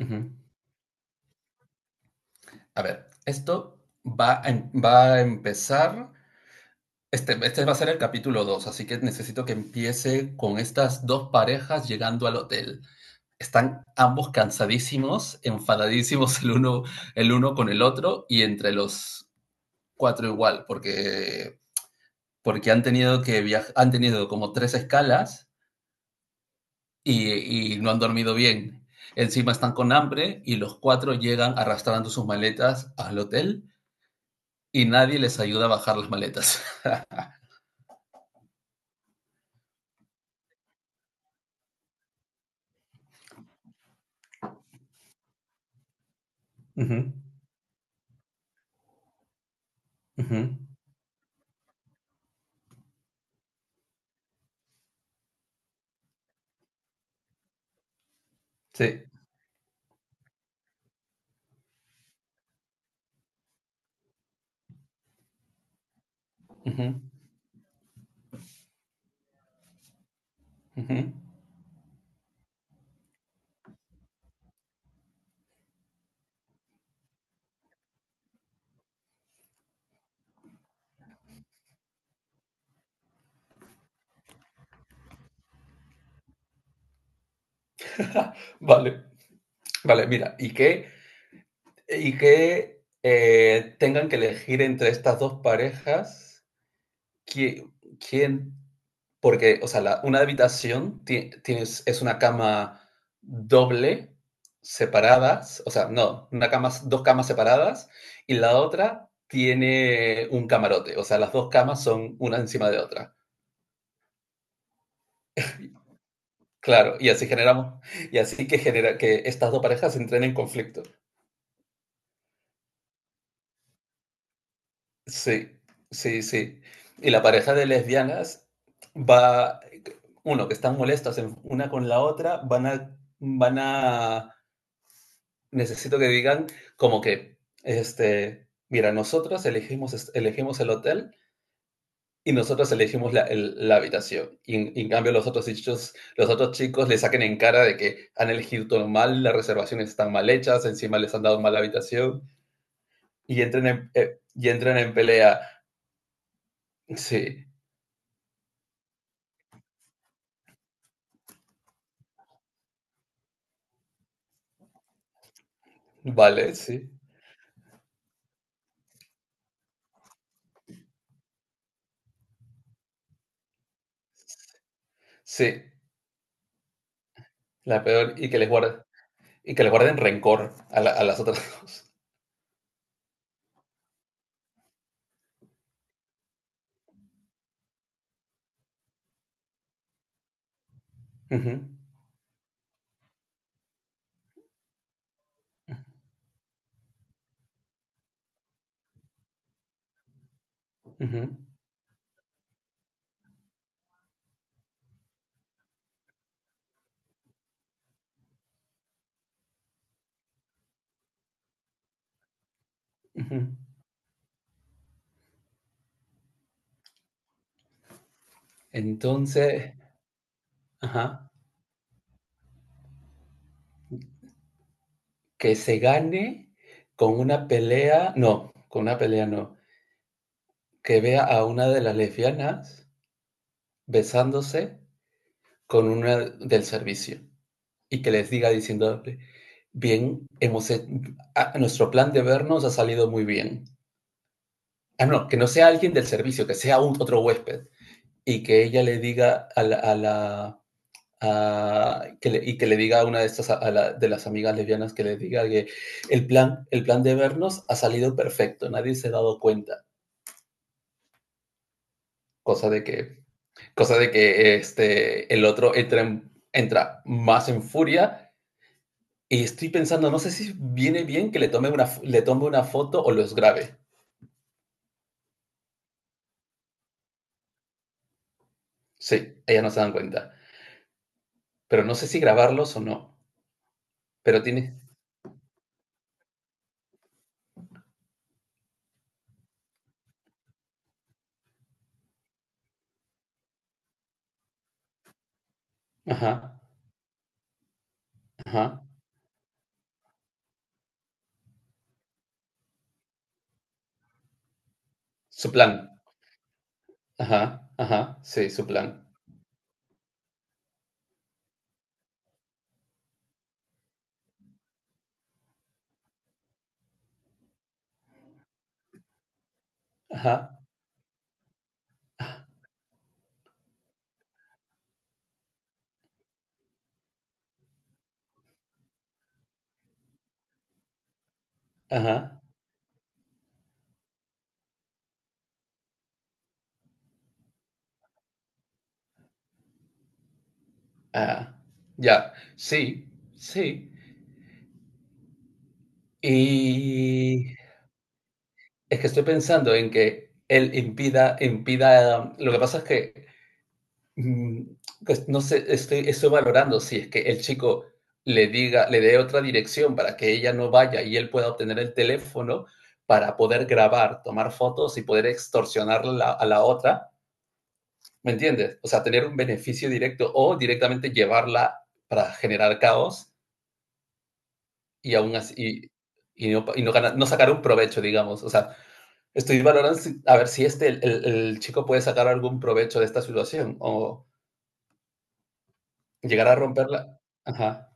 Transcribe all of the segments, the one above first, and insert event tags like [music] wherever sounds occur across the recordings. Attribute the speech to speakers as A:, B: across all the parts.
A: Ujú. A ver, esto va a empezar, este va a ser el capítulo 2, así que necesito que empiece con estas dos parejas llegando al hotel. Están ambos cansadísimos, enfadadísimos el uno con el otro y entre los cuatro igual, porque han tenido que viajar, han tenido como tres escalas y no han dormido bien. Encima están con hambre y los cuatro llegan arrastrando sus maletas al hotel y nadie les ayuda a bajar las maletas. [laughs] Ujú, ujú. Sí. Ujú, ujú. Vale, vale, mira, y que tengan que elegir entre estas dos parejas qui- quién, porque, o sea, tienes, es una cama doble, separadas, o sea, no, una cama, dos camas separadas, y la otra tiene un camarote, o sea, las dos camas son una encima de otra. Claro, y así generamos, y así que genera que estas dos parejas entren en conflicto. Sí, sí, sí. Y la pareja de lesbianas va, uno, que están molestas una con la otra, necesito que digan como que, este, mira, elegimos el hotel. Y nosotros elegimos la habitación. Y en cambio los otros chicos le saquen en cara de que han elegido todo mal, las reservaciones están mal hechas, encima les han dado mal la habitación y y entran en pelea. Sí, vale, sí. Sí, la peor. Y que les, guarden y que les guarden rencor a, a las otras [laughs] dos. Ujú, ujú, ujú. Entonces, ajá, que se gane con una pelea, no, con una pelea no, que vea a una de las lesbianas besándose con una del servicio y que les diga diciéndole, bien, nuestro plan de vernos ha salido muy bien. Ah, no, que no sea alguien del servicio, que sea otro huésped y que ella le diga a la... a la- a- que le- y que le diga a una de estas, de las amigas lesbianas, que le diga que el plan de vernos ha salido perfecto, nadie se ha dado cuenta, cosa de que cosa de que este, el otro entra, en- entra más en furia y estoy pensando, no sé si viene bien que le tome una foto o los grabe. Sí, ellas no se dan cuenta. Pero no sé si grabarlos o no. Pero tiene... Ajá, ajá. Su plan. Ajá, ajá. Sí, su plan. Ajá, ajá. Ah, ya. Sí, sí. Y... Es que estoy pensando en que lo que pasa es que... Mm, pues no sé, estoy valorando si es que el chico le dé otra dirección para que ella no vaya y él pueda obtener el teléfono para poder grabar, tomar fotos y poder extorsionar a la otra. ¿Me entiendes? O sea, tener un beneficio directo o directamente llevarla para generar caos y aún así, y no no sacar un provecho, digamos. O sea, estoy valorando a ver si este, el chico puede sacar algún provecho de esta situación o llegar a romperla. Ajá.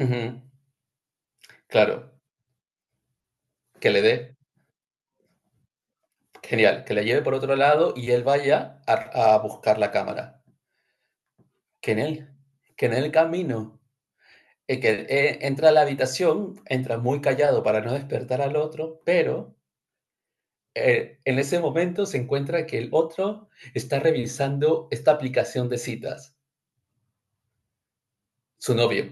A: Ujú, claro, que le dé, genial, que le lleve por otro lado y él vaya a buscar la cámara. Que en el, que en el camino, que entra a la habitación, entra muy callado para no despertar al otro, pero en ese momento se encuentra que el otro está revisando esta aplicación de citas, su novio.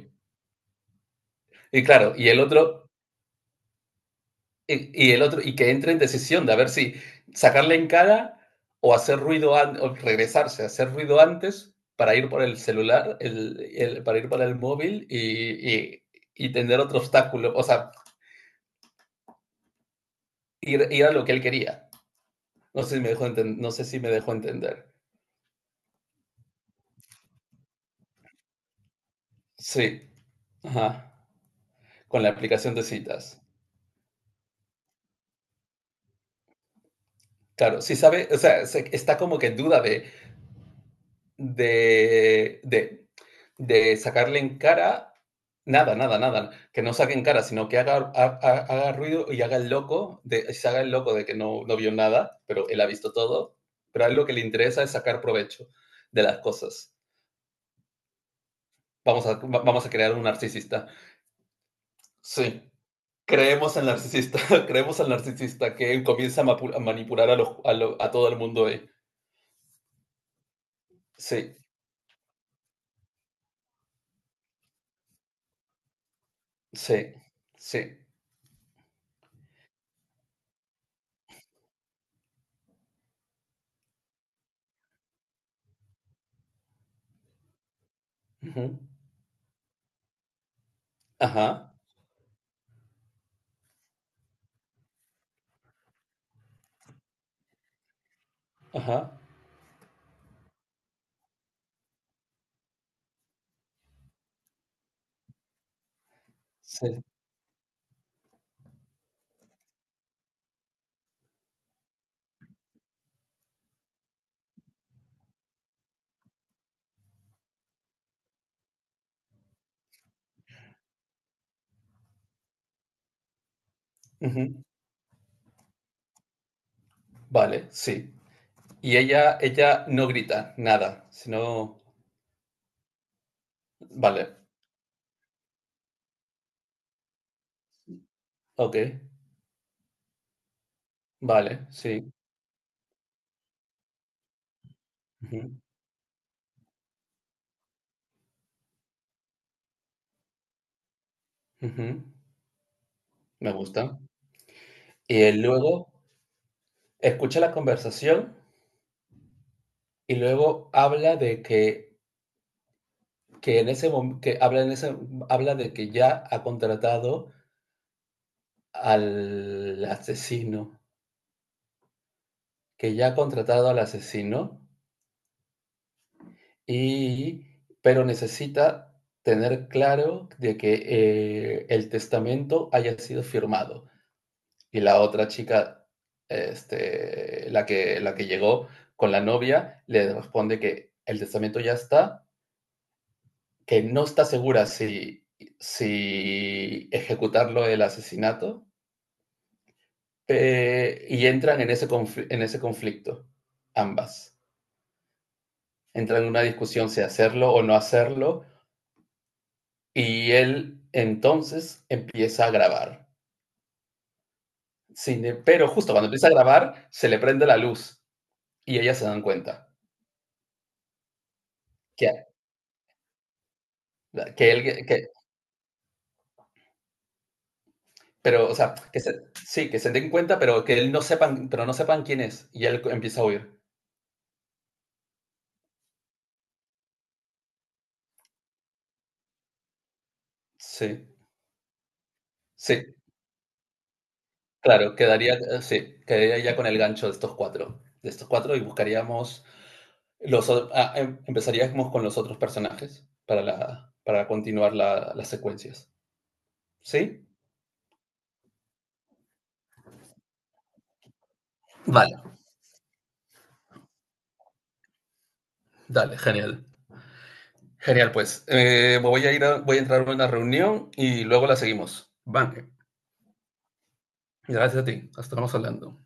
A: Y claro, y el otro... y que entre en decisión de a ver si sacarle en cara o hacer ruido, o regresarse, hacer ruido antes para ir por el celular, para ir para el móvil y tener otro obstáculo, o sea, ir a lo que él quería. No sé si no sé si me dejó entender. Sí, ajá, con la aplicación de citas. Claro, sí sabe, o sea, está como que en duda de, de, de, de sacarle en cara nada, nada, nada, que no saque en cara, sino que haga ruido y haga el loco, de, se haga el loco de que no, no vio nada, pero él ha visto todo, pero a él lo que le interesa es sacar provecho de las cosas. Vamos a, vamos a crear un narcisista. Sí, creemos al narcisista, [laughs] creemos al narcisista que él comienza a, a manipular a, los, a, lo- a todo el mundo ahí. Sí, sí, sí. Ujú. Ajá, ajá. Sí. Ujú. Vale, sí. Y ella no grita nada, sino... Vale, ok, vale, sí. Ujú, ujú. Me gusta. Y él luego escucha la conversación y luego habla de que en ese mom- que habla en ese, habla de que ya ha contratado al asesino, que ya ha contratado al asesino, Y pero necesita tener claro de que, el testamento haya sido firmado. Y la otra chica, este, la que llegó con la novia, le responde que el testamento ya está, que no está segura si ejecutarlo el asesinato, y entran en ese conflicto ambas. Entran en una discusión si hacerlo o no hacerlo. Y él entonces empieza a grabar. Sin, em- Pero justo cuando empieza a grabar, se le prende la luz y ellas se dan cuenta que, que él, que, pero, o sea, que se, sí, que se den cuenta, pero que él no sepan, pero no sepan quién es. Y él empieza a huir. Sí, sí, claro, quedaría, sí, quedaría ya con el gancho de estos cuatro y buscaríamos los, o- ah, em- empezaríamos con los otros personajes para la, para continuar las secuencias. ¿Sí? Vale. Dale, genial. Genial, pues. Voy a entrar a una reunión y luego la seguimos. Van, gracias a ti. Estamos hablando.